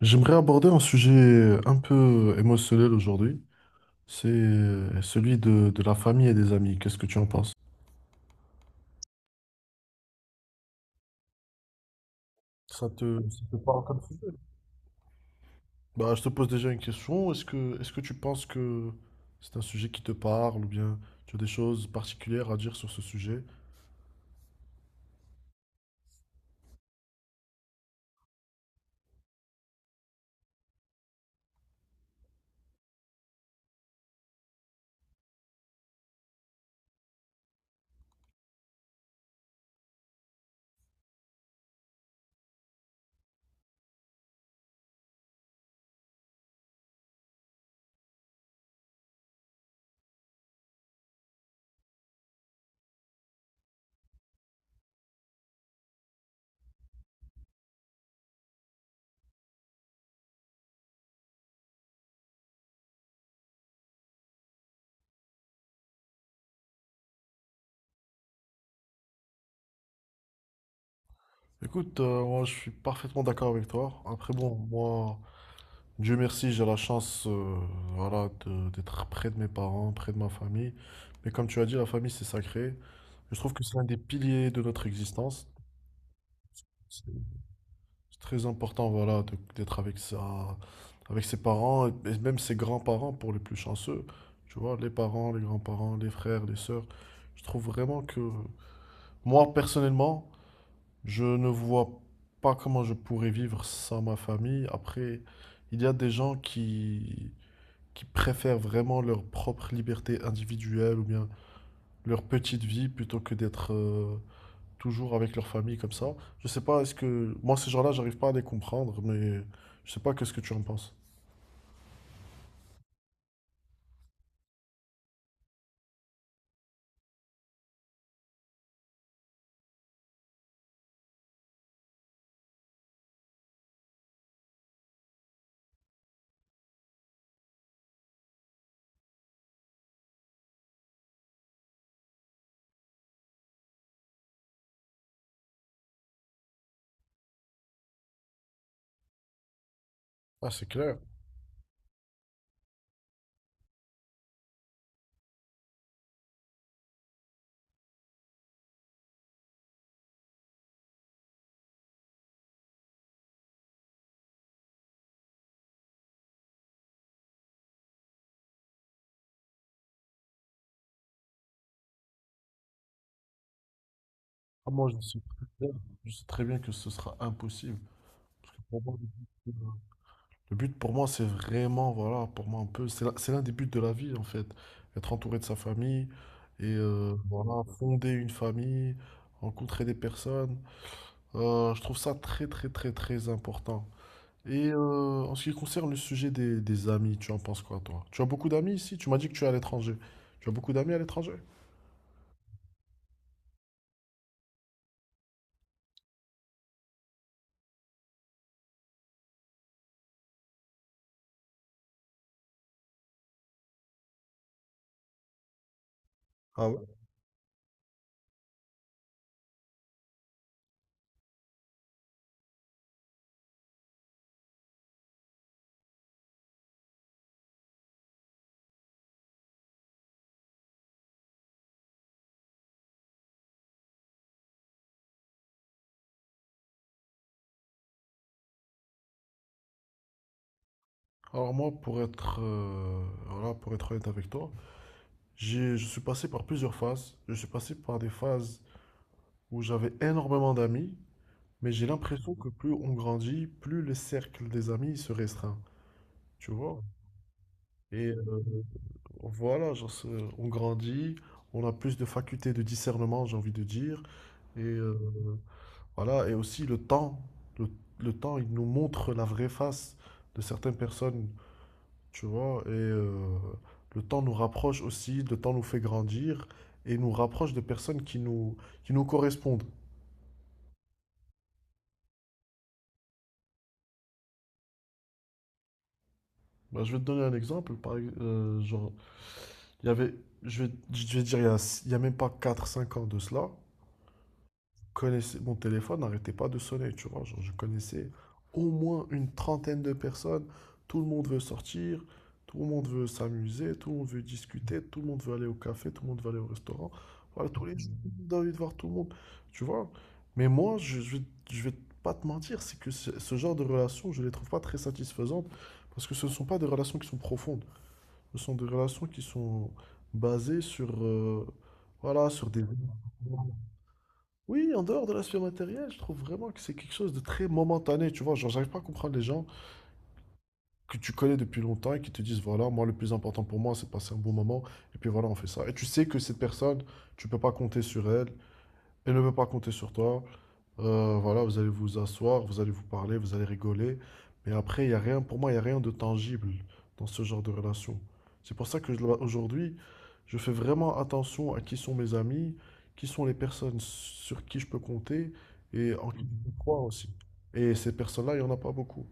J'aimerais aborder un sujet un peu émotionnel aujourd'hui. C'est celui de la famille et des amis. Qu'est-ce que tu en penses? Ça te parle comme sujet? Bah, je te pose déjà une question. Est-ce que tu penses que c'est un sujet qui te parle ou bien tu as des choses particulières à dire sur ce sujet? Écoute, moi je suis parfaitement d'accord avec toi. Après, bon, moi, Dieu merci, j'ai la chance voilà, d'être près de mes parents, près de ma famille. Mais comme tu as dit, la famille, c'est sacré. Je trouve que c'est l'un des piliers de notre existence. C'est c'est très important, voilà, d'être avec sa, avec ses parents et même ses grands-parents pour les plus chanceux. Tu vois, les parents, les grands-parents, les frères, les sœurs. Je trouve vraiment que moi, personnellement, je ne vois pas comment je pourrais vivre sans ma famille. Après, il y a des gens qui préfèrent vraiment leur propre liberté individuelle ou bien leur petite vie plutôt que d'être toujours avec leur famille comme ça. Je sais pas, est-ce que... Moi, ces gens-là, j'arrive pas à les comprendre, mais je sais pas qu'est-ce que tu en penses. Ah, c'est clair. Ah, moi, je sais très bien, je sais très bien que ce sera impossible. Pour moi, le but, pour moi, c'est vraiment, voilà, pour moi un peu, c'est c'est l'un des buts de la vie, en fait. Être entouré de sa famille et voilà, fonder une famille, rencontrer des personnes. Je trouve ça très très très très important. Et en ce qui concerne le sujet des amis, tu en penses quoi, toi? Tu as beaucoup d'amis ici? Tu m'as dit que tu es à l'étranger. Tu as beaucoup d'amis à l'étranger? Ah ouais? Alors moi, voilà, pour être honnête avec toi, je suis passé par plusieurs phases. Je suis passé par des phases où j'avais énormément d'amis, mais j'ai l'impression que plus on grandit, plus le cercle des amis se restreint, tu vois? Et voilà, genre, on grandit, on a plus de facultés de discernement, j'ai envie de dire. Et voilà, et aussi le temps. Le, le temps, il nous montre la vraie face de certaines personnes, tu vois. Et le temps nous rapproche aussi, le temps nous fait grandir et nous rapproche de personnes qui nous correspondent. Bah, je vais te donner un exemple. Genre, il y avait, je vais dire, il y a même pas quatre cinq ans de cela. Connaissais, mon téléphone n'arrêtait pas de sonner, tu vois. Genre, je connaissais au moins une trentaine de personnes. Tout le monde veut sortir, tout le monde veut s'amuser, tout le monde veut discuter, tout le monde veut aller au café, tout le monde veut aller au restaurant. Voilà, tous les jours, j'ai envie de voir tout le monde, tu vois. Mais moi, je vais pas te mentir, c'est que ce genre de relations, je les trouve pas très satisfaisantes parce que ce ne sont pas des relations qui sont profondes. Ce sont des relations qui sont basées sur, voilà, sur des. Oui, en dehors de l'aspect matériel, je trouve vraiment que c'est quelque chose de très momentané, tu vois. Genre, j'arrive pas à comprendre les gens que tu connais depuis longtemps et qui te disent, voilà, moi, le plus important pour moi, c'est de passer un bon moment, et puis voilà, on fait ça. Et tu sais que cette personne, tu peux pas compter sur elle, elle ne peut pas compter sur toi. Voilà, vous allez vous asseoir, vous allez vous parler, vous allez rigoler. Mais après, il y a rien, pour moi, il n'y a rien de tangible dans ce genre de relation. C'est pour ça que aujourd'hui, je fais vraiment attention à qui sont mes amis, qui sont les personnes sur qui je peux compter et en qui je peux croire aussi. Et ces personnes-là, il n'y en a pas beaucoup.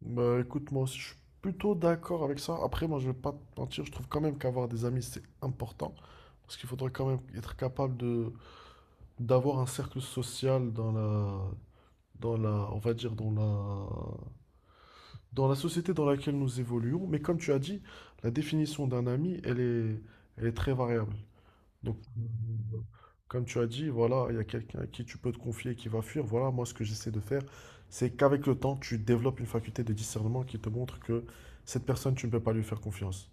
Bah, écoute, moi aussi, je suis plutôt d'accord avec ça. Après, moi, je vais pas te mentir, je trouve quand même qu'avoir des amis, c'est important. Parce qu'il faudrait quand même être capable de d'avoir un cercle social on va dire dans la société dans laquelle nous évoluons. Mais comme tu as dit, la définition d'un ami, elle est très variable. Donc, comme tu as dit, voilà, il y a quelqu'un à qui tu peux te confier et qui va fuir. Voilà, moi, ce que j'essaie de faire, c'est qu'avec le temps, tu développes une faculté de discernement qui te montre que cette personne, tu ne peux pas lui faire confiance.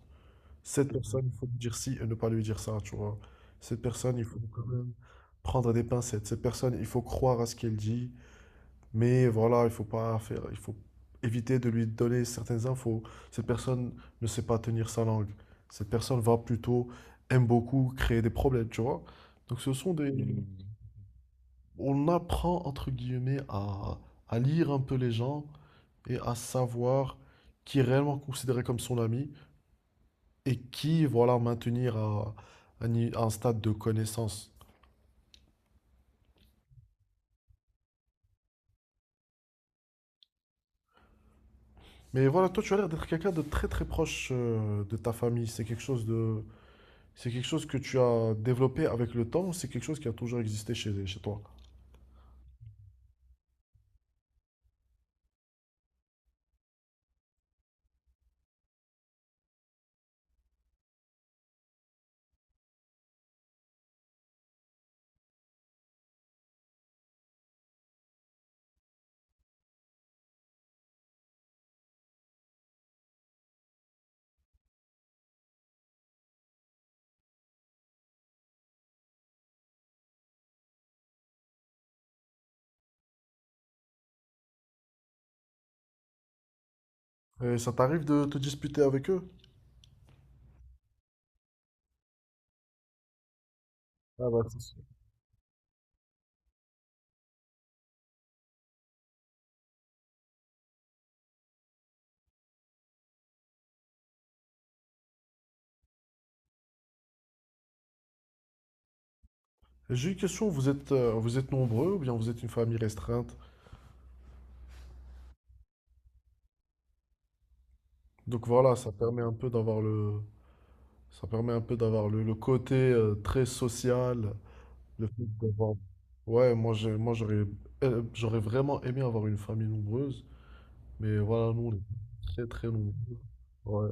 Cette personne, il faut lui dire ci et ne pas lui dire ça, tu vois. Cette personne, il faut quand même prendre des pincettes. Cette personne, il faut croire à ce qu'elle dit, mais voilà, il faut pas faire, il faut éviter de lui donner certaines infos. Cette personne ne sait pas tenir sa langue. Cette personne va plutôt, aime beaucoup créer des problèmes, tu vois. Donc ce sont des. Mm. On apprend, entre guillemets, à lire un peu les gens et à savoir qui est réellement considéré comme son ami et qui, voilà, maintenir à, un à un stade de connaissance. Mais voilà, toi tu as l'air d'être quelqu'un de très très proche de ta famille. C'est quelque chose que tu as développé avec le temps ou c'est quelque chose qui a toujours existé chez, chez toi? Et ça t'arrive de te disputer avec eux? Ah bah, c'est sûr. J'ai une question, vous êtes nombreux ou bien vous êtes une famille restreinte? Donc voilà, Ça permet un peu d'avoir le côté très social, le fait d'avoir... Ouais, moi, j'aurais vraiment aimé avoir une famille nombreuse, mais voilà, nous, on est très, très nombreux. Ouais,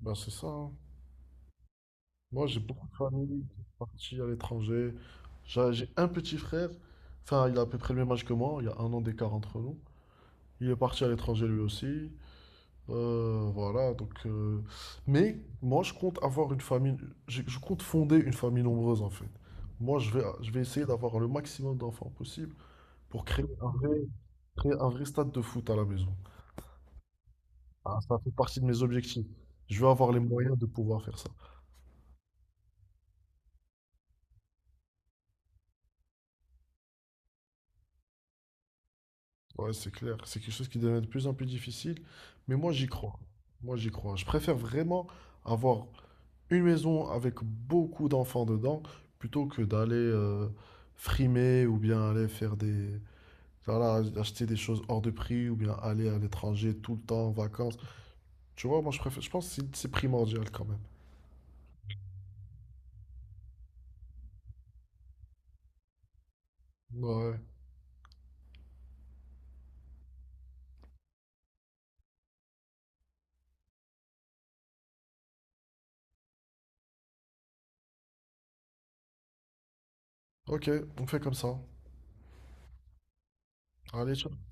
ben c'est ça, hein. Moi, j'ai beaucoup de familles qui sont parties à l'étranger. J'ai un petit frère, enfin, il a à peu près le même âge que moi, il y a un an d'écart entre nous. Il est parti à l'étranger lui aussi. Voilà, donc. Mais moi, je compte avoir une famille. Je compte fonder une famille nombreuse, en fait. Moi, je vais essayer d'avoir le maximum d'enfants possible pour créer un vrai stade de foot à la maison. Ah, ça fait partie de mes objectifs. Je veux avoir les moyens de pouvoir faire ça. Ouais, c'est clair. C'est quelque chose qui devient de plus en plus difficile. Mais moi, j'y crois. Moi, j'y crois. Je préfère vraiment avoir une maison avec beaucoup d'enfants dedans plutôt que d'aller frimer ou bien aller faire des voilà, acheter des choses hors de prix ou bien aller à l'étranger tout le temps en vacances. Tu vois, moi je préfère, je pense que c'est primordial quand même. Ouais. Ok, on fait comme ça. Allez, ciao.